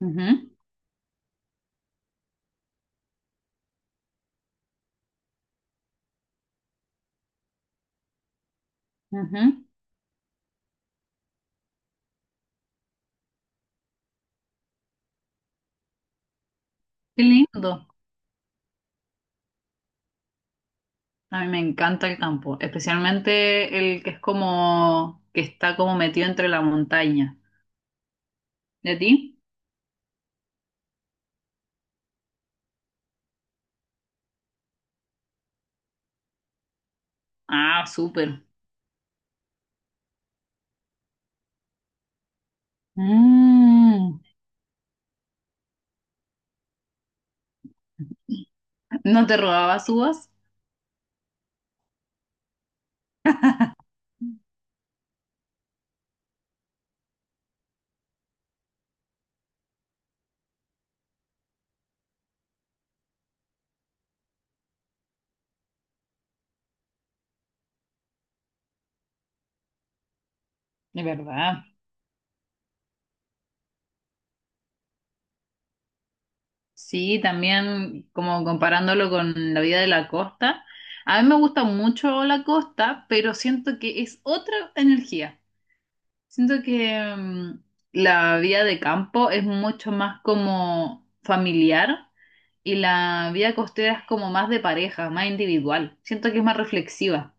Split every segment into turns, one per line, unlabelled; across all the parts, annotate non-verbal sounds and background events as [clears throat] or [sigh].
Ujú, ujú. Qué lindo. A mí me encanta el campo, especialmente el que es como que está como metido entre la montaña. ¿De ti? Ah, súper. Mm, ¿no te robabas uvas? De verdad. Sí, también como comparándolo con la vida de la costa. A mí me gusta mucho la costa, pero siento que es otra energía. Siento que la vida de campo es mucho más como familiar. Y la vida costera es como más de pareja, más individual. Siento que es más reflexiva.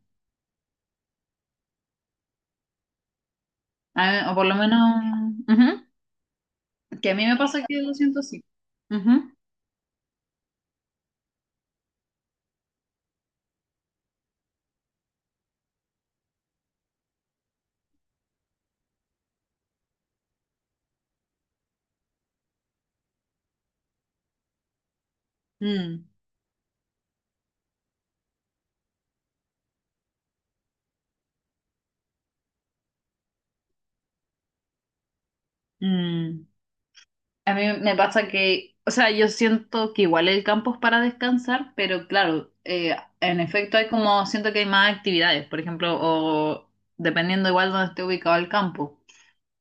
O por lo menos, ujú, que a mí me pasa que lo siento así. Ujú. Mm, mm. A mí me pasa que, o sea, yo siento que igual el campo es para descansar, pero claro, en efecto hay como, siento que hay más actividades, por ejemplo, o dependiendo igual donde esté ubicado el campo.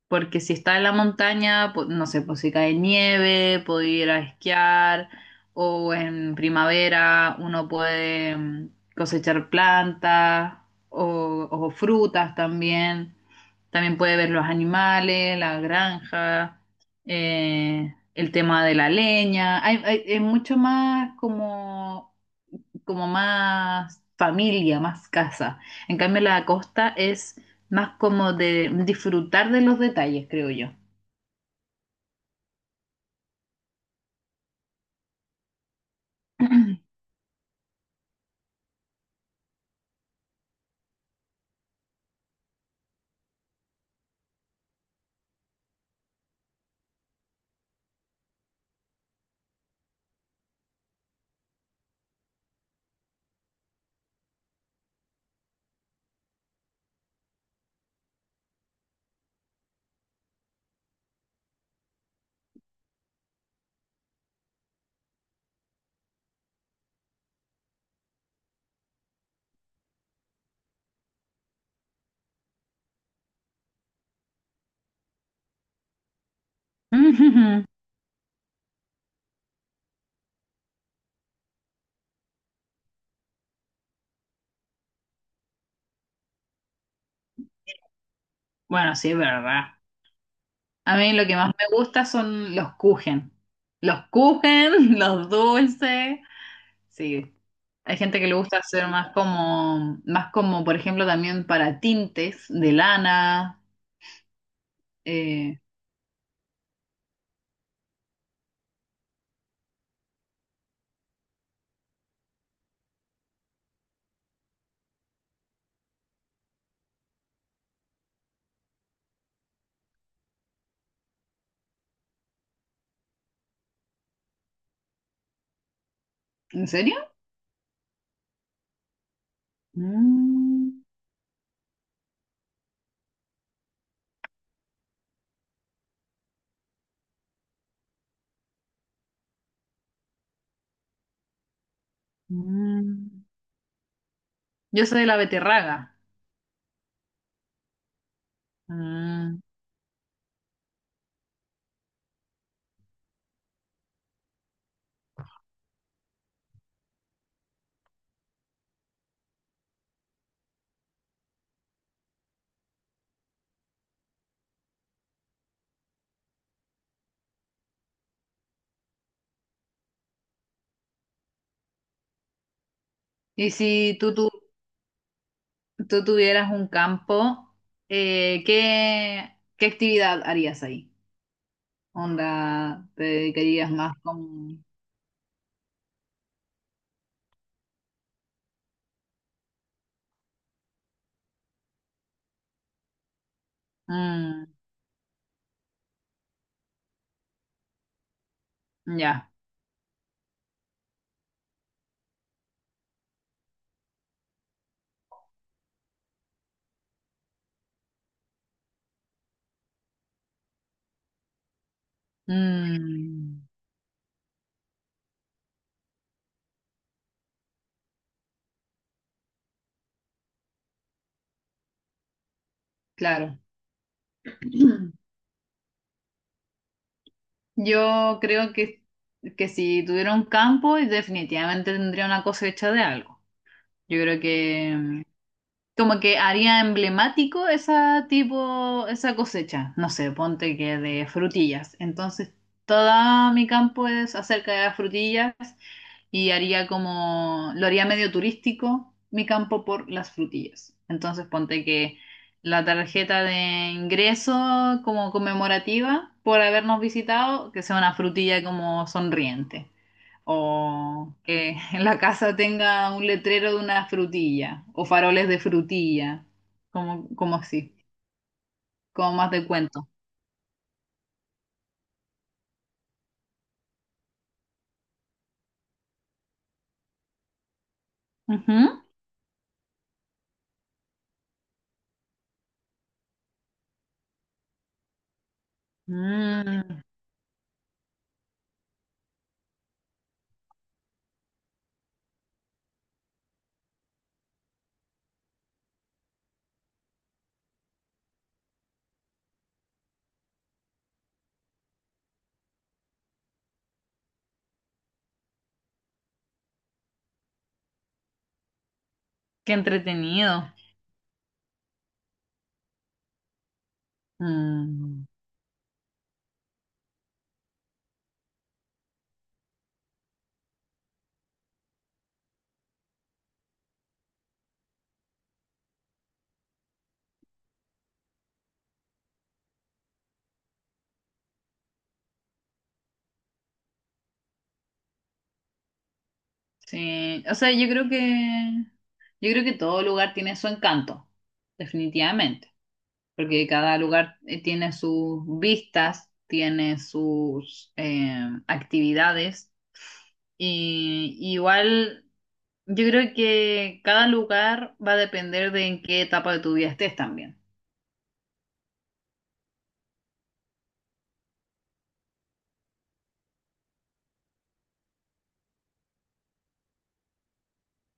Porque si está en la montaña, no sé, pues si cae nieve, puede ir a esquiar, o en primavera uno puede cosechar plantas o frutas también. También puede ver los animales, la granja, el tema de la leña. Es mucho más como más familia, más casa. En cambio, la costa es más como de disfrutar de los detalles, creo yo. [laughs] Ujujú. Bueno, sí, es verdad. A mí lo que más me gusta son los kuchen. Los kuchen, [laughs] los dulces. Sí, hay gente que le gusta hacer más como, por ejemplo, también para tintes de lana. Eh, ¿En serio? Mm, mm. Yo soy de la beterraga. Mm. Y si tú tuvieras un campo, ¿qué actividad harías ahí? ¿Onda te dedicarías más con...? Mm, ya, mm, claro. [clears throat] Yo creo que si tuviera un campo, definitivamente tendría una cosecha de algo. Yo creo que como que haría emblemático esa tipo, esa cosecha, no sé, ponte que de frutillas. Entonces, todo mi campo es acerca de las frutillas y haría como, lo haría medio turístico mi campo por las frutillas. Entonces, ponte que la tarjeta de ingreso como conmemorativa por habernos visitado, que sea una frutilla como sonriente. O que [laughs] en la casa tenga un letrero de una frutilla o faroles de frutilla, como, como así, como más de cuento. Ujú. Mm, qué entretenido. Mm. Sí, o sea, yo creo que todo lugar tiene su encanto, definitivamente, porque cada lugar tiene sus vistas, tiene sus actividades y igual yo creo que cada lugar va a depender de en qué etapa de tu vida estés también.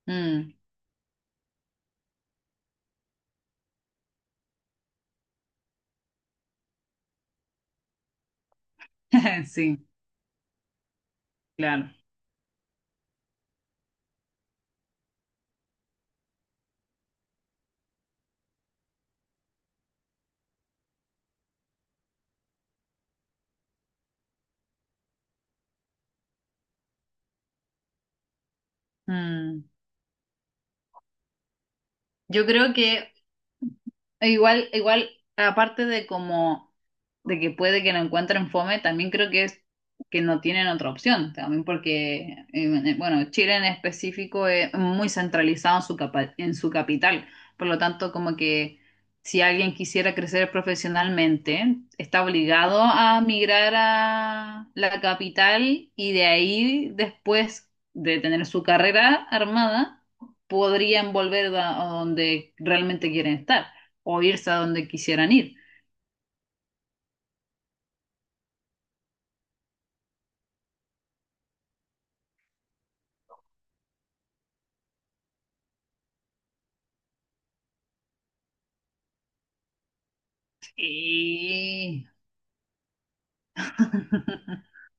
Mm, [laughs] sí, claro. Mm. Yo creo que igual, igual, aparte de como de que puede que no encuentren fome, también creo que es que no tienen otra opción, también porque, bueno, Chile en específico es muy centralizado en su en su capital, por lo tanto, como que si alguien quisiera crecer profesionalmente, está obligado a migrar a la capital y de ahí, después de tener su carrera armada, podrían volver a donde realmente quieren estar o irse a donde quisieran ir. Y... [laughs]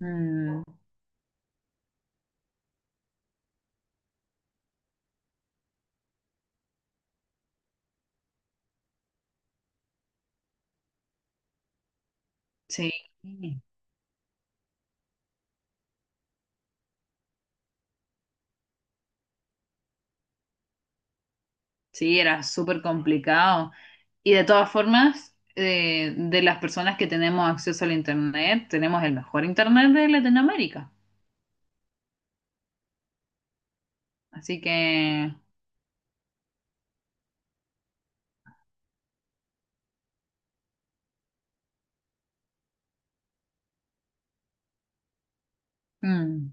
Mm, sí, sí, era súper complicado. Y de todas formas, de las personas que tenemos acceso al Internet, tenemos el mejor Internet de Latinoamérica. Así que, mm,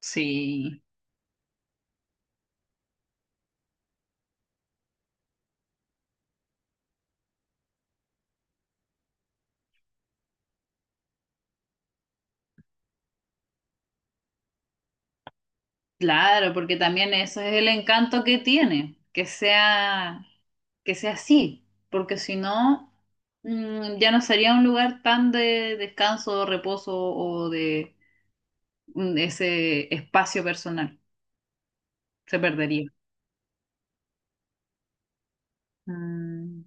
sí, claro, porque también eso es el encanto que tiene, que sea así, porque si no, mm, ya no sería un lugar tan de descanso, reposo o de mm, ese espacio personal. Se perdería. Mm.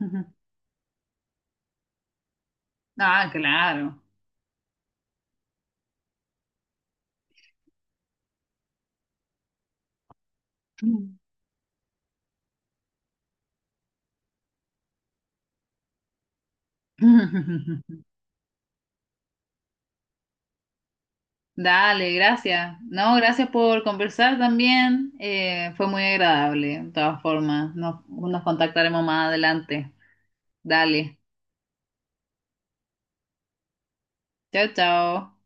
[laughs] Ah, claro. Mm. [laughs] Dale, gracias. No, gracias por conversar también. Fue muy agradable, de todas formas. Nos contactaremos más adelante. Dale. Chao, chao.